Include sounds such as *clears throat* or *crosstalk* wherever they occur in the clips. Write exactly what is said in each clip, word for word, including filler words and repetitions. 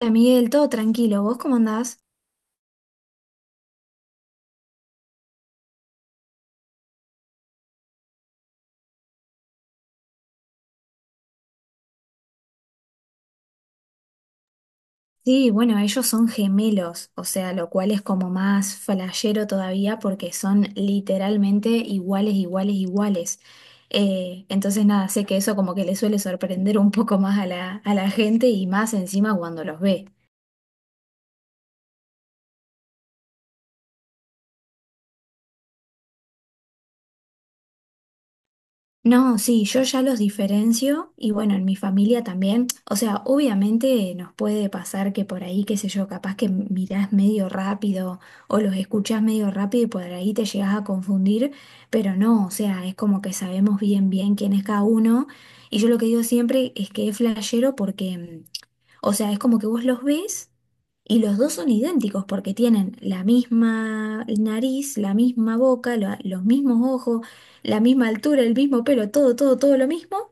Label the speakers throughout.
Speaker 1: Hola Miguel, todo tranquilo, ¿vos cómo andás? Sí, bueno, ellos son gemelos, o sea, lo cual es como más flashero todavía porque son literalmente iguales, iguales, iguales. Eh, entonces nada, sé que eso como que le suele sorprender un poco más a la, a la gente y más encima cuando los ve. No, sí, yo ya los diferencio y bueno, en mi familia también. O sea, obviamente nos puede pasar que por ahí, qué sé yo, capaz que mirás medio rápido o los escuchás medio rápido y por ahí te llegás a confundir, pero no, o sea, es como que sabemos bien bien quién es cada uno. Y yo lo que digo siempre es que es flashero porque mm, o sea, es como que vos los ves. Y los dos son idénticos porque tienen la misma nariz, la misma boca, la- los mismos ojos, la misma altura, el mismo pelo, todo, todo, todo lo mismo,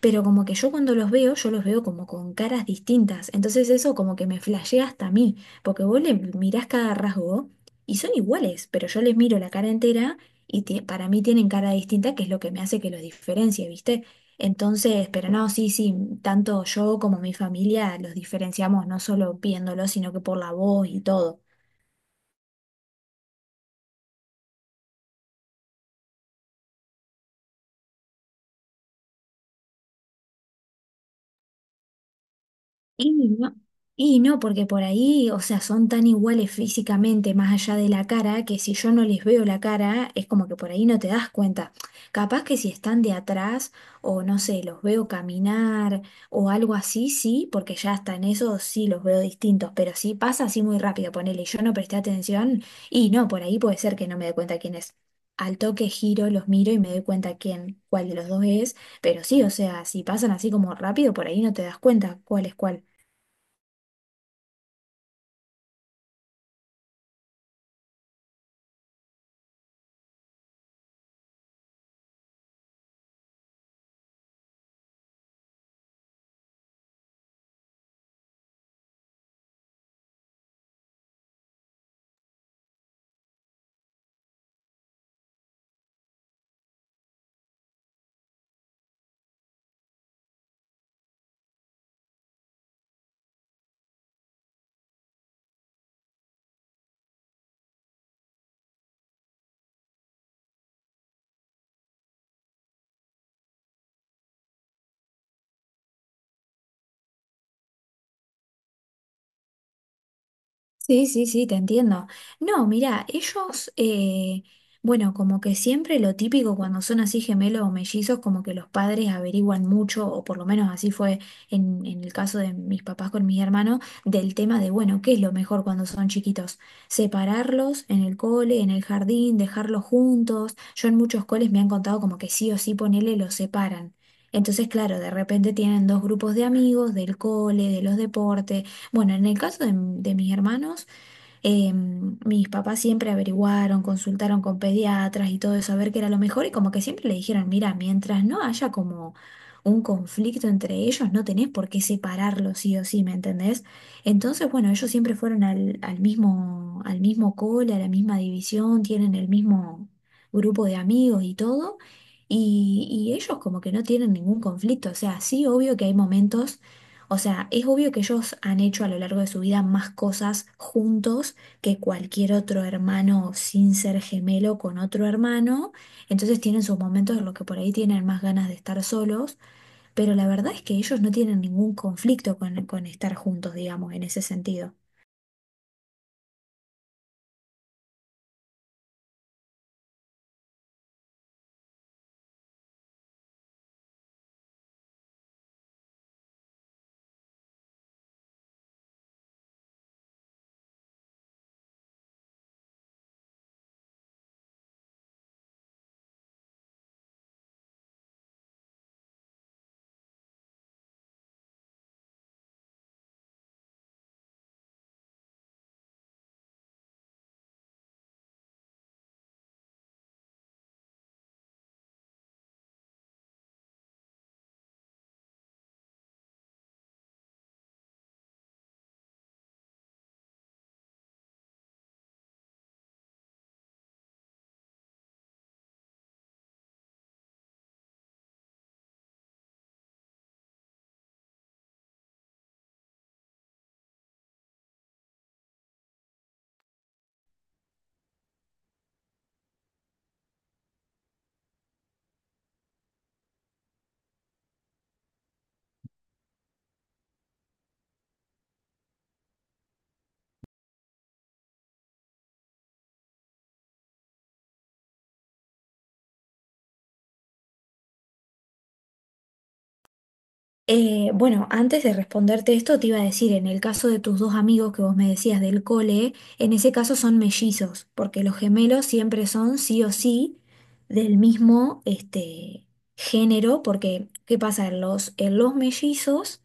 Speaker 1: pero como que yo cuando los veo, yo los veo como con caras distintas. Entonces eso como que me flashea hasta a mí, porque vos le mirás cada rasgo y son iguales, pero yo les miro la cara entera y ti- para mí tienen cara distinta, que es lo que me hace que los diferencie, ¿viste? Entonces, pero no, sí, sí, tanto yo como mi familia los diferenciamos no solo viéndolos, sino que por la voz y todo. Y no, y no, porque por ahí, o sea, son tan iguales físicamente, más allá de la cara, que si yo no les veo la cara, es como que por ahí no te das cuenta. Capaz que si están de atrás, o no sé, los veo caminar, o algo así, sí, porque ya hasta en eso sí los veo distintos, pero si pasa así muy rápido, ponele, y yo no presté atención, y no, por ahí puede ser que no me dé cuenta quién es. Al toque giro, los miro y me doy cuenta quién, cuál de los dos es, pero sí, o sea, si pasan así como rápido, por ahí no te das cuenta cuál es cuál. Sí, sí, sí, te entiendo. No, mira, ellos, eh, bueno, como que siempre lo típico cuando son así gemelos o mellizos, como que los padres averiguan mucho, o por lo menos así fue en, en el caso de mis papás con mis hermanos, del tema de, bueno, ¿qué es lo mejor cuando son chiquitos? Separarlos en el cole, en el jardín, dejarlos juntos. Yo en muchos coles me han contado como que sí o sí ponele, los separan. Entonces, claro, de repente tienen dos grupos de amigos, del cole, de los deportes. Bueno, en el caso de, de mis hermanos, eh, mis papás siempre averiguaron, consultaron con pediatras y todo eso a ver qué era lo mejor y como que siempre le dijeron, mira, mientras no haya como un conflicto entre ellos, no tenés por qué separarlos sí o sí, ¿me entendés? Entonces, bueno, ellos siempre fueron al, al mismo, al mismo cole, a la misma división, tienen el mismo grupo de amigos y todo. Y, y ellos como que no tienen ningún conflicto, o sea, sí, obvio que hay momentos, o sea, es obvio que ellos han hecho a lo largo de su vida más cosas juntos que cualquier otro hermano sin ser gemelo con otro hermano. Entonces tienen sus momentos en los que por ahí tienen más ganas de estar solos, pero la verdad es que ellos no tienen ningún conflicto con, con estar juntos, digamos, en ese sentido. Eh, bueno, antes de responderte esto, te iba a decir, en el caso de tus dos amigos que vos me decías del cole, en ese caso son mellizos, porque los gemelos siempre son sí o sí del mismo este, género, porque ¿qué pasa? En los, en los mellizos,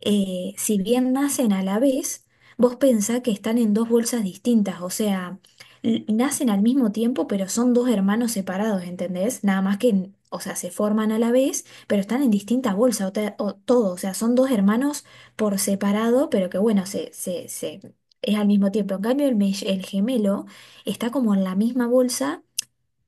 Speaker 1: eh, si bien nacen a la vez, vos pensá que están en dos bolsas distintas, o sea, l- nacen al mismo tiempo, pero son dos hermanos separados, ¿entendés? Nada más que, en- o sea, se forman a la vez, pero están en distinta bolsa, o, te- o todo, o sea, son dos hermanos por separado, pero que bueno, se, se, se, es al mismo tiempo. En cambio, el, me- el gemelo está como en la misma bolsa.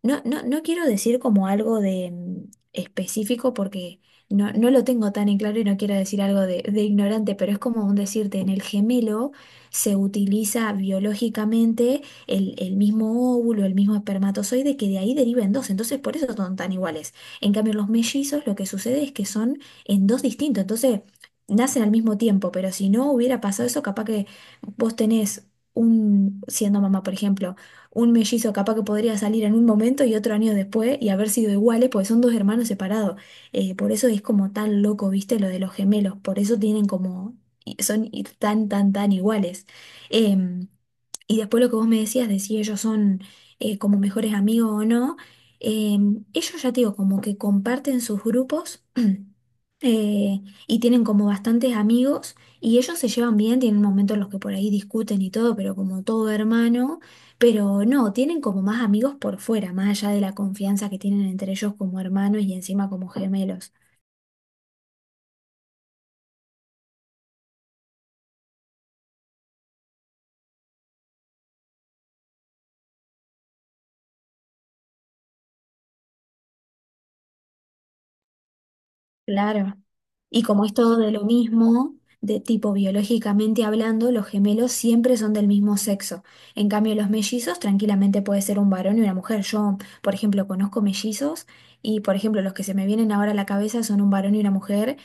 Speaker 1: No, no, no quiero decir como algo de mm, específico porque no, no lo tengo tan en claro y no quiero decir algo de, de ignorante, pero es como un decirte, en el gemelo se utiliza biológicamente el, el mismo óvulo, el mismo espermatozoide, que de ahí deriven dos, entonces por eso son tan iguales. En cambio, los mellizos lo que sucede es que son en dos distintos, entonces nacen al mismo tiempo, pero si no hubiera pasado eso, capaz que vos tenés un, siendo mamá, por ejemplo, un mellizo capaz que podría salir en un momento y otro año después y haber sido iguales, porque son dos hermanos separados. Eh, por eso es como tan loco, ¿viste? Lo de los gemelos, por eso tienen como, y son y tan, tan, tan iguales. Em, y después lo que vos me decías de si ellos son eh, como mejores amigos o no, em, ellos ya te digo, como que comparten sus grupos. *clears throat* eh, y tienen como bastantes amigos y ellos se llevan bien, tienen momentos en los que por ahí discuten y todo, pero como todo hermano, pero no, tienen como más amigos por fuera, más allá de la confianza que tienen entre ellos como hermanos y encima como gemelos. Claro. Y como es todo de lo mismo, de tipo biológicamente hablando, los gemelos siempre son del mismo sexo. En cambio, los mellizos tranquilamente puede ser un varón y una mujer. Yo, por ejemplo, conozco mellizos y, por ejemplo, los que se me vienen ahora a la cabeza son un varón y una mujer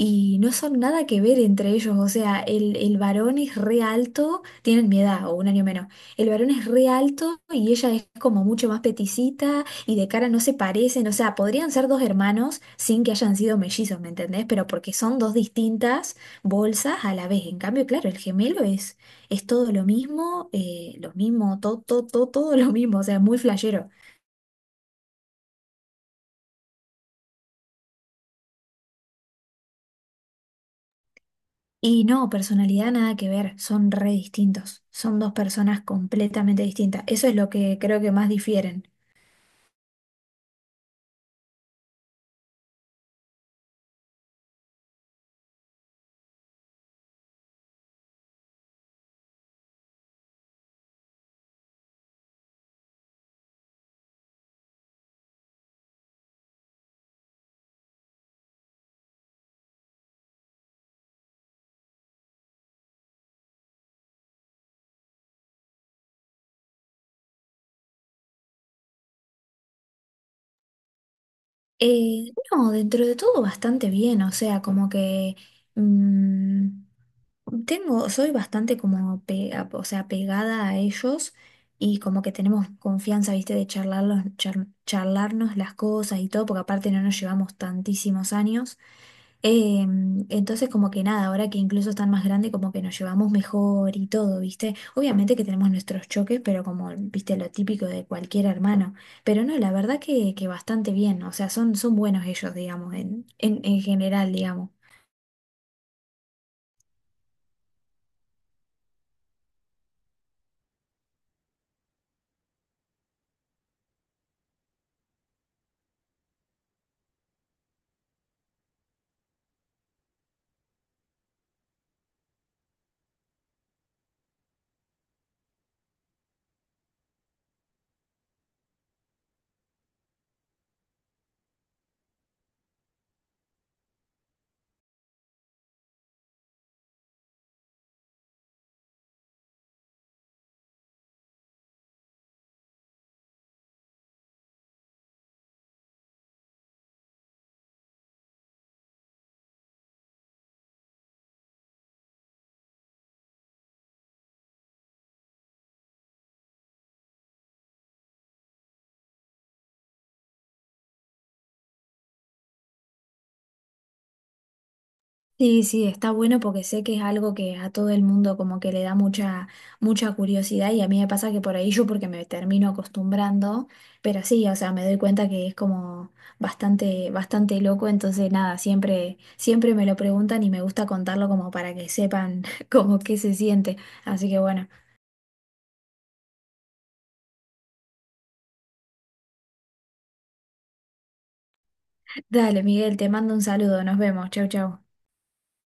Speaker 1: y no son nada que ver entre ellos. O sea, el, el varón es re alto, tienen mi edad o un año menos. El varón es re alto y ella es como mucho más peticita y de cara no se parecen, o sea, podrían ser dos hermanos sin que hayan sido mellizos, ¿me entendés? Pero porque son dos distintas bolsas a la vez. En cambio, claro, el gemelo es, es todo lo mismo, eh, lo mismo, todo, todo, todo, todo lo mismo, o sea, muy flashero. Y no, personalidad nada que ver, son re distintos, son dos personas completamente distintas. Eso es lo que creo que más difieren. Eh, no, dentro de todo bastante bien, o sea, como que mm, tengo, soy bastante como pega, o sea, pegada a ellos y como que tenemos confianza, viste, de charlarlos, char- charlarnos las cosas y todo, porque aparte no nos llevamos tantísimos años. Eh, entonces como que nada, ahora que incluso están más grandes, como que nos llevamos mejor y todo, ¿viste? Obviamente que tenemos nuestros choques, pero como, viste, lo típico de cualquier hermano. Pero no, la verdad que, que bastante bien, o sea, son, son buenos ellos, digamos, en, en, en general, digamos. Sí, sí, está bueno porque sé que es algo que a todo el mundo como que le da mucha, mucha curiosidad y a mí me pasa que por ahí yo porque me termino acostumbrando, pero sí, o sea, me doy cuenta que es como bastante, bastante loco, entonces nada, siempre, siempre me lo preguntan y me gusta contarlo como para que sepan *laughs* como qué se siente. Así que bueno, dale, Miguel, te mando un saludo, nos vemos, chau, chau.